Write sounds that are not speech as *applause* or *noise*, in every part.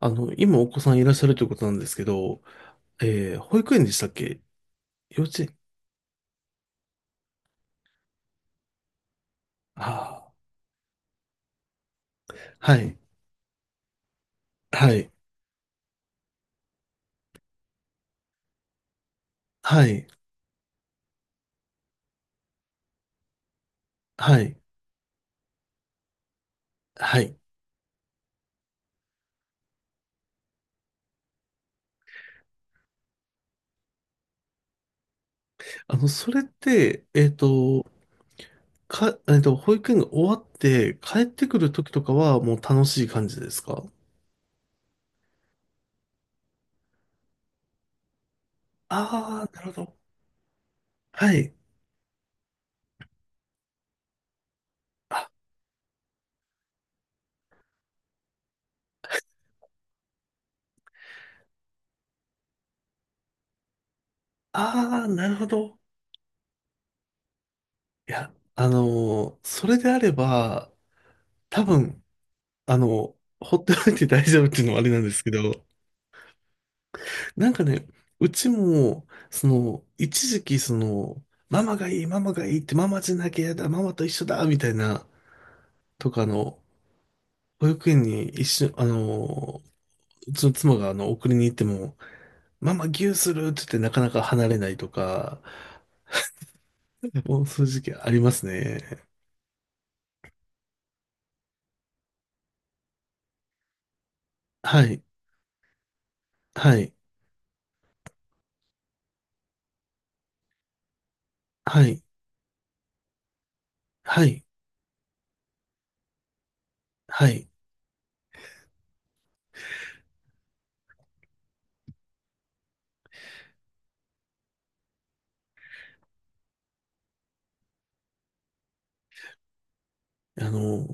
今お子さんいらっしゃるということなんですけど、保育園でしたっけ？幼稚園？ああ、はい、はい、はい、はい、はい。それって、えっと、か、えっと、保育園が終わって帰ってくる時とかはもう楽しい感じですか？ああー、なるほど。はい。あ、ああ、なるほど。いや、それであれば、多分、あの、ほっておいて大丈夫っていうのはあれなんですけど、なんかね、うちも、その、一時期、その、ママがいい、ママがいいって、ママじゃなきゃ嫌だ、ママと一緒だ、みたいな、とか、あの、保育園に一緒、あの、うちの妻が、あの、送りに行っても、ママギューするって言って、なかなか離れないとか、もう、そういう時期ありますね。はい、はい、はい、はい、はい。あの、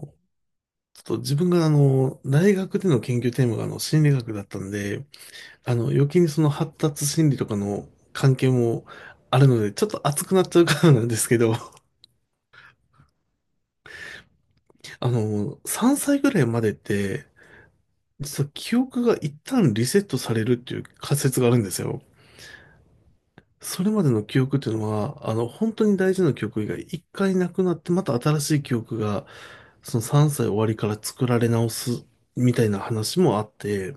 ちょっと自分が、あの、大学での研究テーマが、あの、心理学だったんで、あの、余計にその発達心理とかの関係もあるので、ちょっと熱くなっちゃうからなんですけど、*laughs* あの、3歳ぐらいまでって、実は記憶が一旦リセットされるっていう仮説があるんですよ。それまでの記憶っていうのは、あの、本当に大事な記憶が一回なくなって、また新しい記憶が、その3歳終わりから作られ直すみたいな話もあって、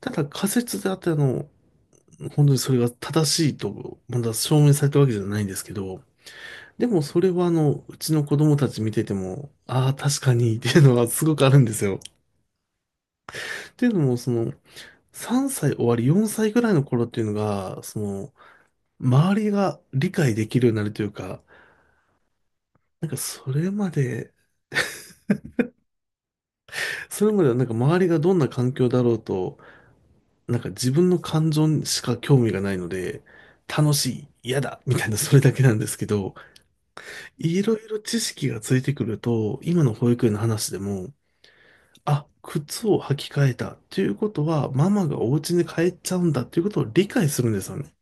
ただ仮説であって、あの、本当にそれが正しいと、まだ証明されたわけじゃないんですけど、でもそれはあの、うちの子供たち見てても、ああ、確かにっていうのはすごくあるんですよ。っていうのも、その、3歳終わり、4歳ぐらいの頃っていうのが、その、周りが理解できるようになるというか、なんかそれまで、それまではなんか周りがどんな環境だろうと、なんか自分の感情にしか興味がないので、楽しい、嫌だ、みたいなそれだけなんですけど、いろいろ知識がついてくると、今の保育園の話でも、あ、靴を履き替えた。ということは、ママがお家に帰っちゃうんだということを理解するんですよね。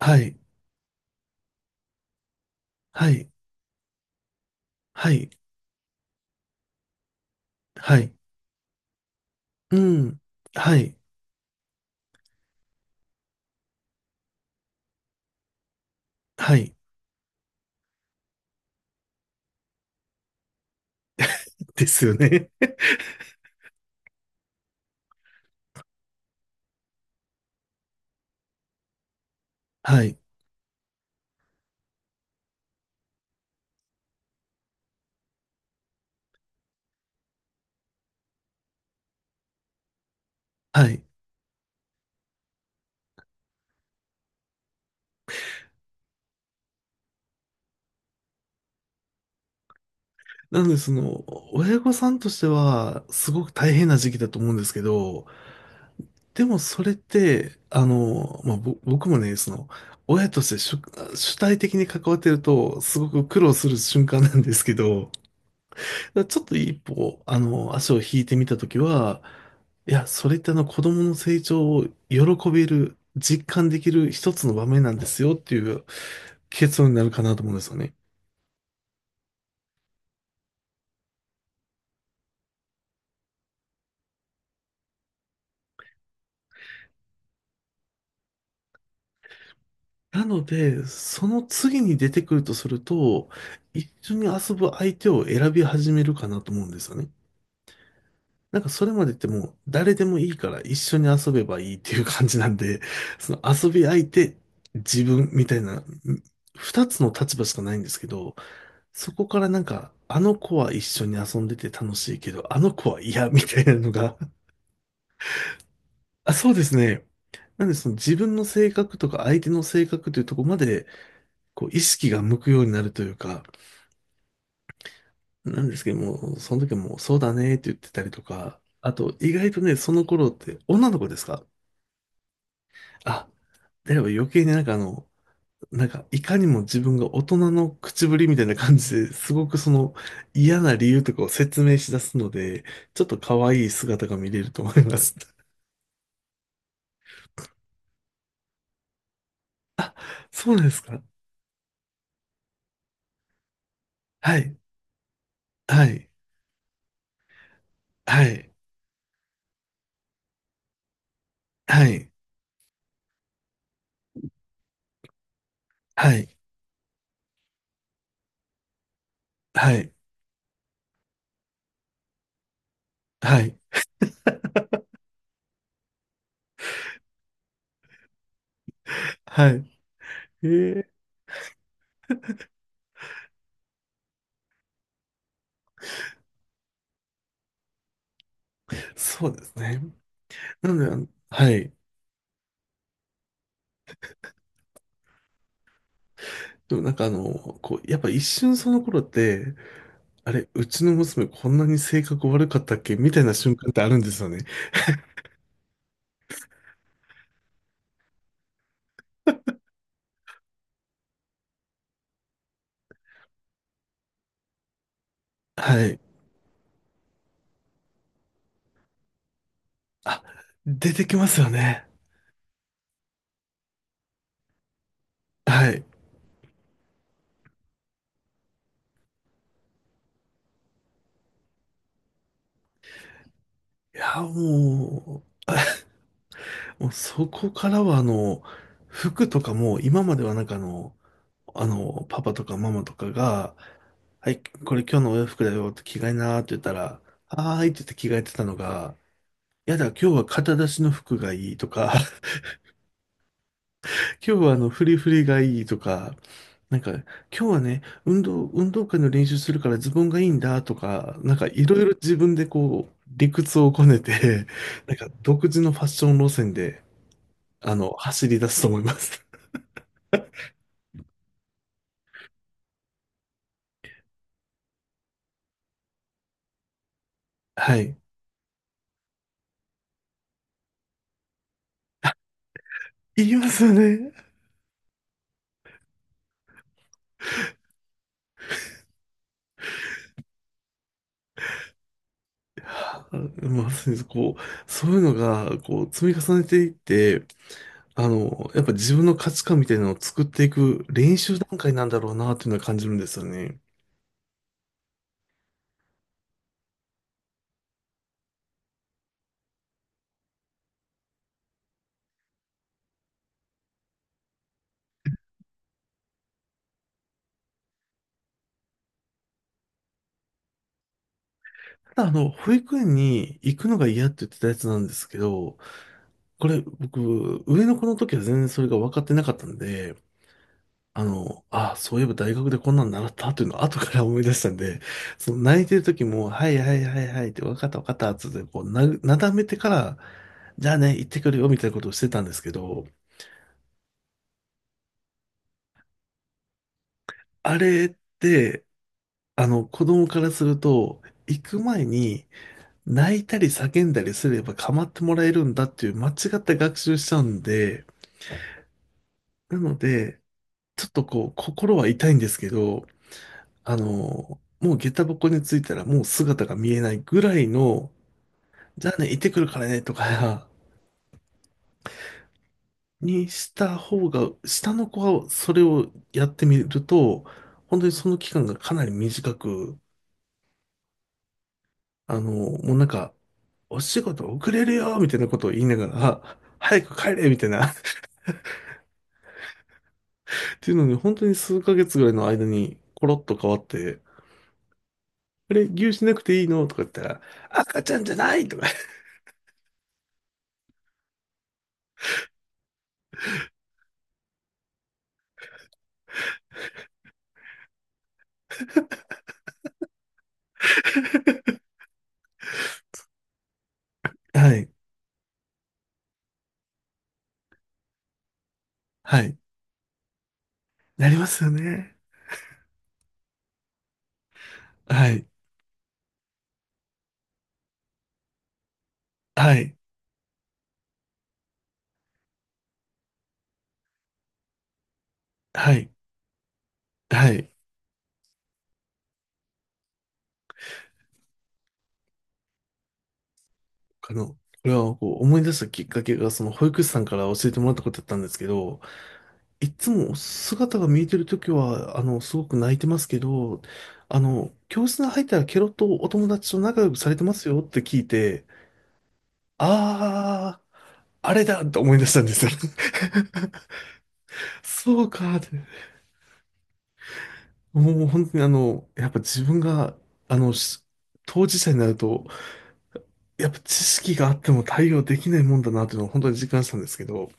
はい、はい、はい、はい、うん、はい、はい、ですよね。*laughs* はい、はい。なので、その、親御さんとしては、すごく大変な時期だと思うんですけど、でもそれって、あの、まあ、僕もね、その、親として主、主体的に関わってると、すごく苦労する瞬間なんですけど、だからちょっと一歩、あの、足を引いてみたときは、いや、それってあの子供の成長を喜べる、実感できる一つの場面なんですよっていう結論になるかなと思うんですよね。なので、その次に出てくるとすると、一緒に遊ぶ相手を選び始めるかなと思うんですよね。なんかそれまでってもう誰でもいいから一緒に遊べばいいっていう感じなんで、*laughs* その遊び相手、自分みたいな、二つの立場しかないんですけど、そこからなんか、あの子は一緒に遊んでて楽しいけど、あの子は嫌みたいなのが、 *laughs* あ、そうですね。なんでその自分の性格とか相手の性格というところまで、こう意識が向くようになるというか、なんですけども、その時はもうそうだねって言ってたりとか、あと意外とね、その頃って女の子ですか？あ、であれば余計になんかあの、なんか、いかにも自分が大人の口ぶりみたいな感じですごくその嫌な理由とかを説明し出すので、ちょっと可愛い姿が見れると思います。*laughs* そうなんですか？はい、はい、はい、はい、はい、はい、はい、はい。えー、そうですね。なので、あの、はい。でもなんかあの、こう、やっぱ一瞬その頃って、あれ、うちの娘こんなに性格悪かったっけみたいな瞬間ってあるんですよね。はい。あ、出てきますよね。はい。いや、もう、もうそこからは、あの、服とかも、今まではなんかあの、あの、パパとかママとかが、はい、これ今日のお洋服だよって着替えなーって言ったら、はーいって言って着替えてたのが、いやだ、今日は肩出しの服がいいとか、*laughs* 今日はあの、フリフリがいいとか、なんか、今日はね、運動会の練習するからズボンがいいんだとか、なんかいろいろ自分でこう、理屈をこねて、なんか独自のファッション路線で、あの、走り出すと思います。*laughs* はい。言いますよね。あ、まさにこう、そういうのが、こう、積み重ねていって、あの、やっぱ自分の価値観みたいなのを作っていく練習段階なんだろうな、っていうのは感じるんですよね。ただ、あの、保育園に行くのが嫌って言ってたやつなんですけど、これ、僕、上の子の時は全然それが分かってなかったんで、あの、あ、そういえば大学でこんなの習ったっていうのを後から思い出したんで、その泣いてる時も、はいはいはいはいって、わかったわかったっつって、なだめてから、じゃあね、行ってくるよみたいなことをしてたんですけど、あれって、あの、子供からすると、行く前に泣いたり叫んだりすれば構ってもらえるんだっていう間違った学習しちゃうんで、なので、ちょっとこう、心は痛いんですけど、あの、もう下駄箱に着いたらもう姿が見えないぐらいの、じゃあね、行ってくるからね、とか、*laughs* にした方が、下の子がそれをやってみると、本当にその期間がかなり短く、あの、もうなんか、お仕事遅れるよみたいなことを言いながら、*laughs* 早く帰れみたいな *laughs* っていうのに、本当に数ヶ月ぐらいの間に、コロッと変わって、あれ、牛しなくていいのとか言ったら、赤ちゃんじゃないとか *laughs* はい、はい、なりますよね。はい、はい、はい、はい。あの、これはこう思い出したきっかけが、その保育士さんから教えてもらったことだったんですけど、いつも姿が見えてるときは、あの、すごく泣いてますけど、あの、教室に入ったらケロッとお友達と仲良くされてますよって聞いて、あー、あれだと思い出したんですよ。*laughs* そうかって。もう本当にあの、やっぱ自分が、あの、し当事者になると、やっぱ知識があっても対応できないもんだなっていうのを本当に実感したんですけど、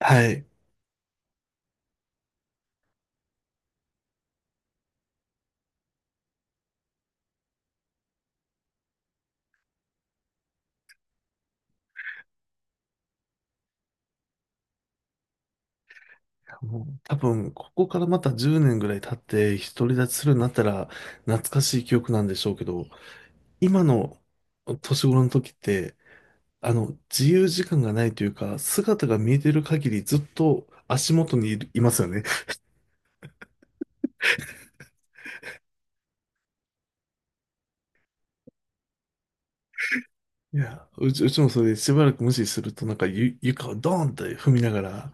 はい。もう多分、ここからまた10年ぐらい経って独り立ちするようになったら懐かしい記憶なんでしょうけど、今の年頃の時って、あの、自由時間がないというか、姿が見えてる限りずっと足元にいる、いますよね。いや、うちもそれでしばらく無視するとなんか床をドーンって踏みながら、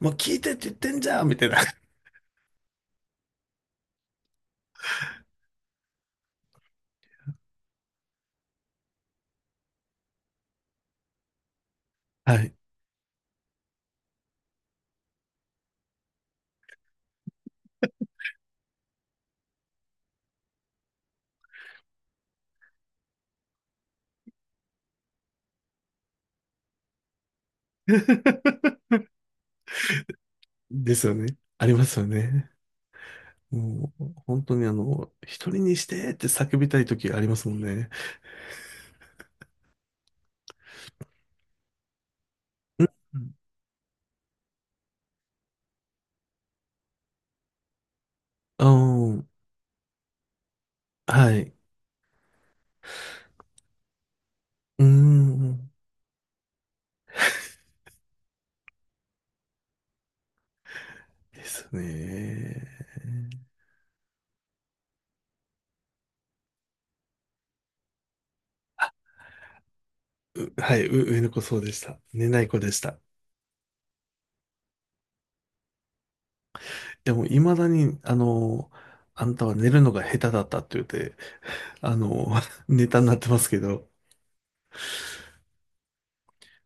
もう聞いてって言ってんじゃんみたいな。*laughs* はい。*laughs* ですよね。ありますよね。もう、本当にあの、一人にしてって叫びたい時ありますもんね。うん。うん。はい。うーん。ですね。う、はい。う、上の子そうでした。寝ない子でした。でも、いまだに、あの、あんたは寝るのが下手だったって言って、あの、*laughs* ネタになってますけど。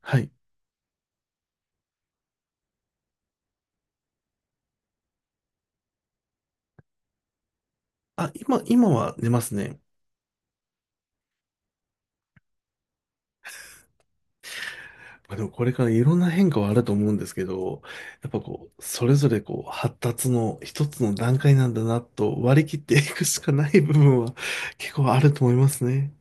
はい。あ、今は寝ますね。まあでも、これからいろんな変化はあると思うんですけど、やっぱこう、それぞれこう、発達の一つの段階なんだなと割り切っていくしかない部分は結構あると思いますね。